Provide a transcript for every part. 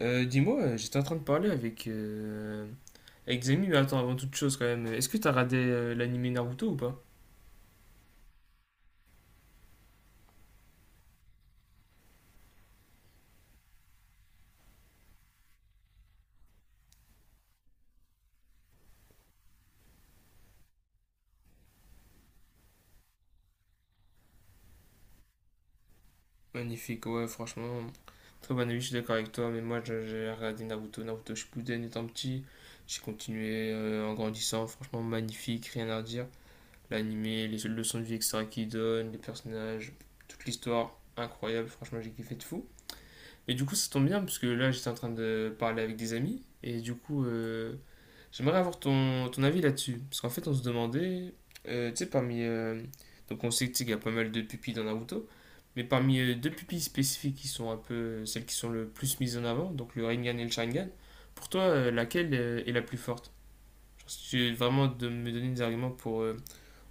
Dis-moi, j'étais en train de parler avec, avec des amis. Mais attends, avant toute chose quand même, est-ce que t'as regardé l'animé Naruto ou pas? Magnifique, ouais, franchement, très bon avis, je suis d'accord avec toi, mais j'ai regardé Naruto, Naruto Shippuden étant petit, j'ai continué en grandissant, franchement magnifique, rien à dire. L'animé, les leçons de vie extra qu'il donne, les personnages, toute l'histoire, incroyable, franchement j'ai kiffé de fou. Et du coup ça tombe bien, parce que là j'étais en train de parler avec des amis, et du coup j'aimerais avoir ton avis là-dessus. Parce qu'en fait, on se demandait, tu sais, parmi. Donc, on sait qu'il y a pas mal de pupilles dans Naruto. Mais parmi deux pupilles spécifiques qui sont un peu celles qui sont le plus mises en avant, donc le Rinnegan et le Sharingan, pour toi, laquelle est la plus forte? Genre, si tu veux vraiment de me donner des arguments pour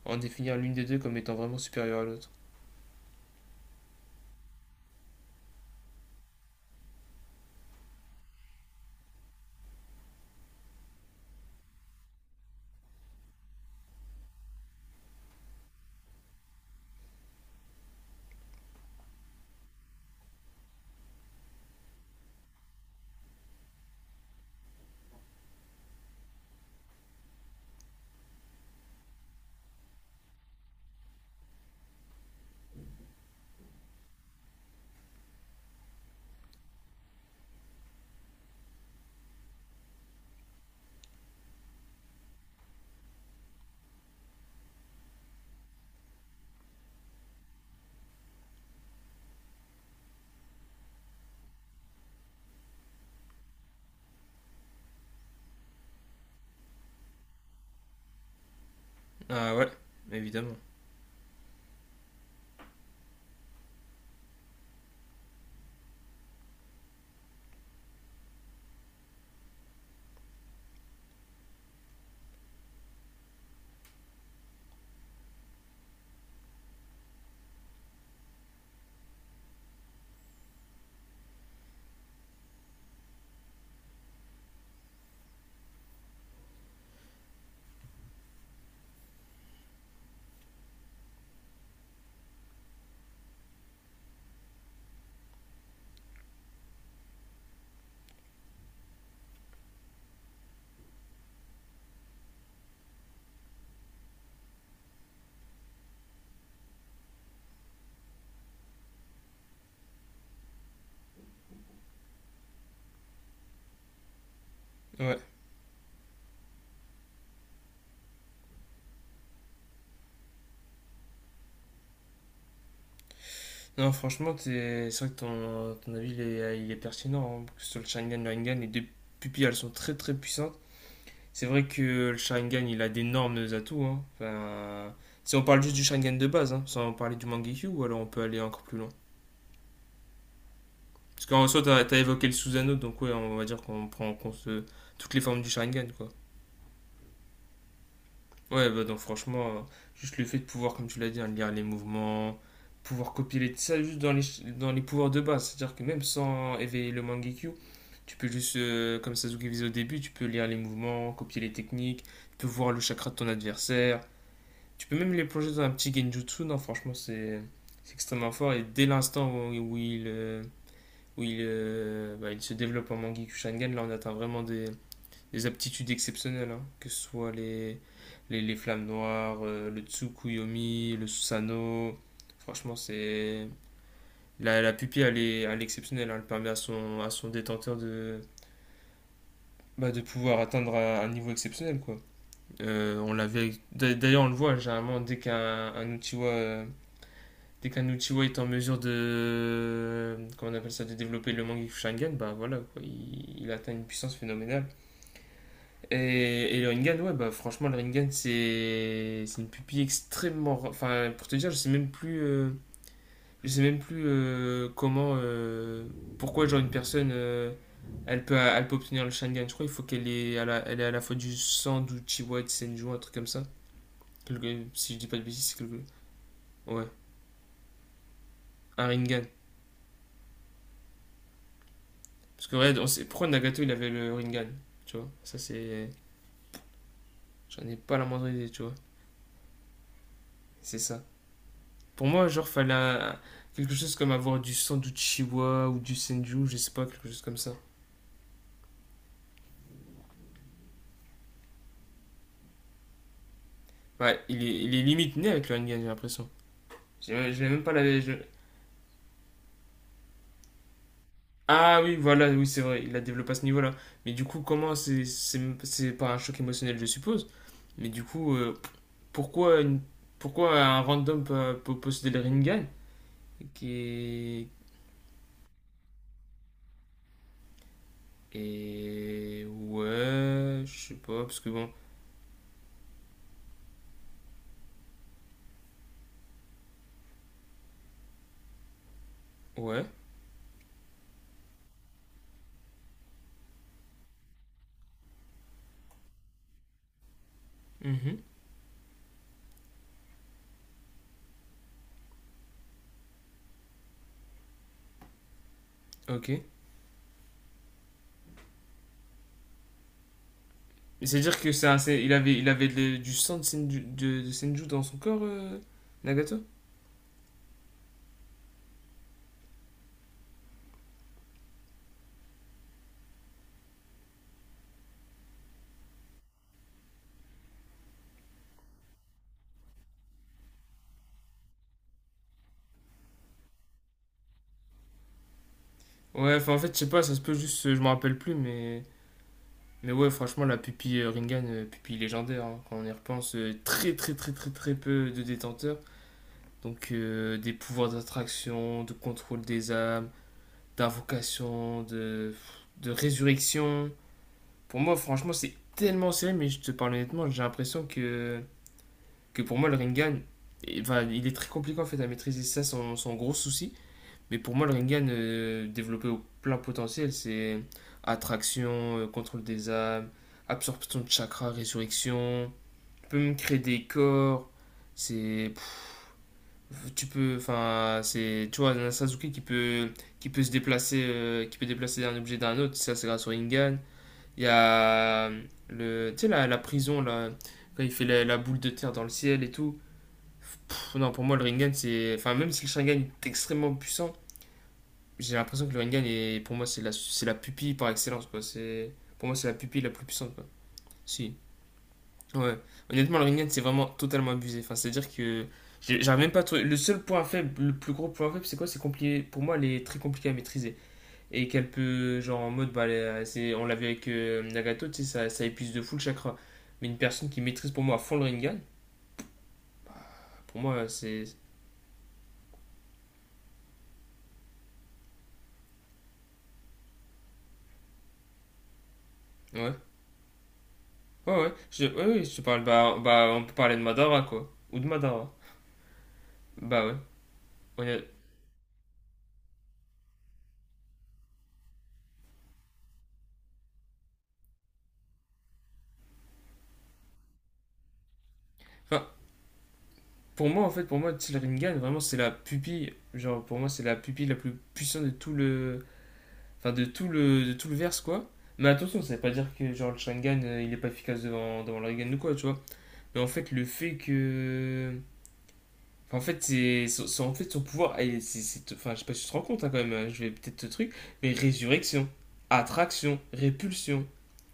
en définir l'une des deux comme étant vraiment supérieure à l'autre. Ah ouais, évidemment. Ouais. Non, franchement, c'est vrai que ton avis, il est pertinent, hein, parce que sur le Sharingan, le Rinnegan, les deux pupilles, elles sont très très puissantes. C'est vrai que le Sharingan, il a d'énormes atouts, hein. Enfin, si on parle juste du Sharingan de base, hein, sans parler du Mangekyu, ou alors on peut aller encore plus loin. Parce qu'en soi, t'as évoqué le Susanoo, donc ouais, on va dire qu'on prend en compte toutes les formes du Sharingan, quoi. Ouais, bah donc franchement, juste le fait de pouvoir, comme tu l'as dit, hein, lire les mouvements, pouvoir ça juste dans dans les pouvoirs de base. C'est-à-dire que même sans éveiller le Mangekyu, tu peux juste, comme Sasuke faisait au début, tu peux lire les mouvements, copier les techniques, tu peux voir le chakra de ton adversaire. Tu peux même les plonger dans un petit genjutsu, non, franchement, c'est extrêmement fort. Et dès l'instant où il se développe en Mangekyou Sharingan, là, on atteint vraiment des aptitudes exceptionnelles, hein, que ce soit les flammes noires, le Tsukuyomi, le Susanoo. Franchement, c'est. La pupille, elle est exceptionnelle, hein. Elle permet à à son détenteur de, bah, de pouvoir atteindre un niveau exceptionnel, quoi. On l'avait. D'ailleurs, on le voit, généralement, dès qu'un un Uchiwa dès qu'un Uchiwa est en mesure de, comment on appelle ça, de développer le Mangekyou Sharingan, bah voilà quoi, il atteint une puissance phénoménale et le Rinnegan, ouais, bah franchement le Rinnegan c'est une pupille extrêmement, enfin pour te dire je sais même plus je sais même plus comment pourquoi genre une personne elle peut obtenir le Sharingan, je crois il faut qu'elle est à elle est à la fois du sang d'Uchiwa et de Senju, un truc comme ça. Si je dis pas de bêtises, c'est quelque. Ouais, un Rinnegan. Parce que, ouais, pourquoi Nagato il avait le Rinnegan? Tu vois, ça c'est. J'en ai pas la moindre idée, tu vois. C'est ça. Pour moi, genre, quelque chose comme avoir du sang du ou du Senju, je sais pas, quelque chose comme ça. Ouais, il est limite né avec le Rinnegan, j'ai l'impression. J'ai- Je l'ai même pas la. Je- Ah oui, voilà, oui, c'est vrai, il a développé à ce niveau-là. Mais du coup, comment c'est. C'est par un choc émotionnel, je suppose. Mais du coup, pourquoi, une- pourquoi un random peut, peut posséder le Rinnegan qui est. Et ouais, je sais pas, parce que bon, ouais, mhm, ok. Mais c'est-à-dire que il avait, du sang de Senju, de Senju dans son corps, Nagato? Ouais, enfin en fait, je sais pas, ça se peut juste, je me rappelle plus, mais ouais, franchement, la pupille Rinnegan, pupille légendaire, hein, quand on y repense, très très très très très peu de détenteurs. Donc des pouvoirs d'attraction, de contrôle des âmes, d'invocation, de résurrection. Pour moi, franchement, c'est tellement serré, mais je te parle honnêtement, j'ai l'impression que pour moi, le Ringan, eh, enfin, il est très compliqué en fait à maîtriser, ça, son gros souci. Mais pour moi, le Ringan développé au plein potentiel, c'est attraction, contrôle des âmes, absorption de chakra, résurrection. Tu peux même créer des corps. C'est. Pff, Tu peux. Enfin, c'est. Tu vois, un Sasuke qui peut se déplacer, qui peut déplacer d'un objet d'un autre, ça c'est grâce au Ringan. Il y a le, tu sais, la prison, là, quand il fait la boule de terre dans le ciel et tout. Pff, non, pour moi, le Rinnegan, c'est. Enfin, même si le Sharingan est extrêmement puissant, j'ai l'impression que le Rinnegan est, pour moi, c'est c'est la pupille par excellence, quoi. C'est, pour moi, c'est la pupille la plus puissante, quoi. Si. Ouais. Honnêtement, le Rinnegan, c'est vraiment totalement abusé. Enfin, c'est-à-dire que. J'arrive même pas à trouver. Le plus gros point faible, c'est quoi? C'est compliqué. Pour moi, elle est très compliquée à maîtriser et qu'elle peut, genre en mode, bah, on l'a vu avec Nagato, tu sais, ça épuise de fou le chakra. Mais une personne qui maîtrise pour moi à fond le Rinnegan, pour moi, c'est. Ouais, ouais, ouais. Je te parle, bah, bah, on peut parler de Madara, quoi. Ou de Madara. Bah ouais. On a- Enfin, pour moi, en fait, pour moi, tu sais, le Rinnegan, vraiment, c'est la pupille, genre, pour moi, c'est la pupille la plus puissante de tout le. Enfin, de tout de tout le verse, quoi. Mais attention, ça veut pas dire que genre le Sharingan il est pas efficace devant, devant le Rinnegan ou quoi, tu vois. Mais en fait, le fait que En fait, c'est son pouvoir, enfin, je sais pas si tu te rends compte hein, quand même, hein, je vais peut-être te truc, mais résurrection, attraction, répulsion,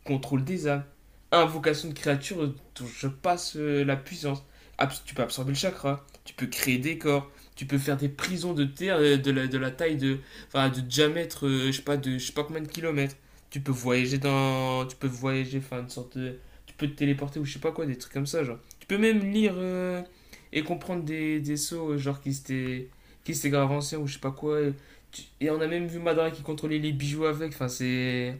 contrôle des âmes, invocation de créatures dont je passe la puissance. Tu peux absorber le chakra, tu peux créer des corps, tu peux faire des prisons de terre de de la taille de, enfin, de diamètre, je sais pas, de je sais pas combien de kilomètres. Tu peux voyager dans, tu peux voyager, enfin une sorte de, tu peux te téléporter ou je sais pas quoi, des trucs comme ça genre. Tu peux même lire et comprendre des sceaux genre qui s'étaient, qui s'étaient grave anciens ou je sais pas quoi. Et, et on a même vu Madara qui contrôlait les bijoux avec, enfin c'est.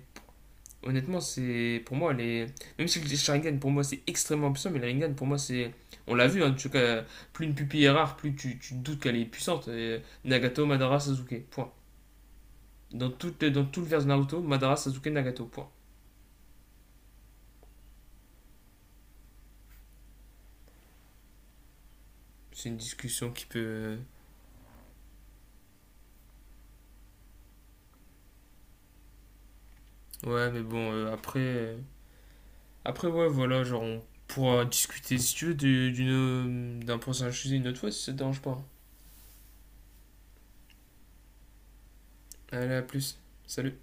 Honnêtement, c'est pour moi, les. Même si le Sharingan pour moi c'est extrêmement puissant, mais le Rinnegan pour moi c'est. On l'a vu, hein, plus une pupille est rare, plus tu doutes qu'elle est puissante. Et Nagato, Madara, Sasuke, point. Dans tout le vers de Naruto, Madara, Sasuke, Nagato, point. C'est une discussion qui peut. Ouais, mais bon, après, ouais, voilà, genre on pourra discuter si tu veux d'un prochain sujet une autre fois si ça te dérange pas. Allez, à plus. Salut.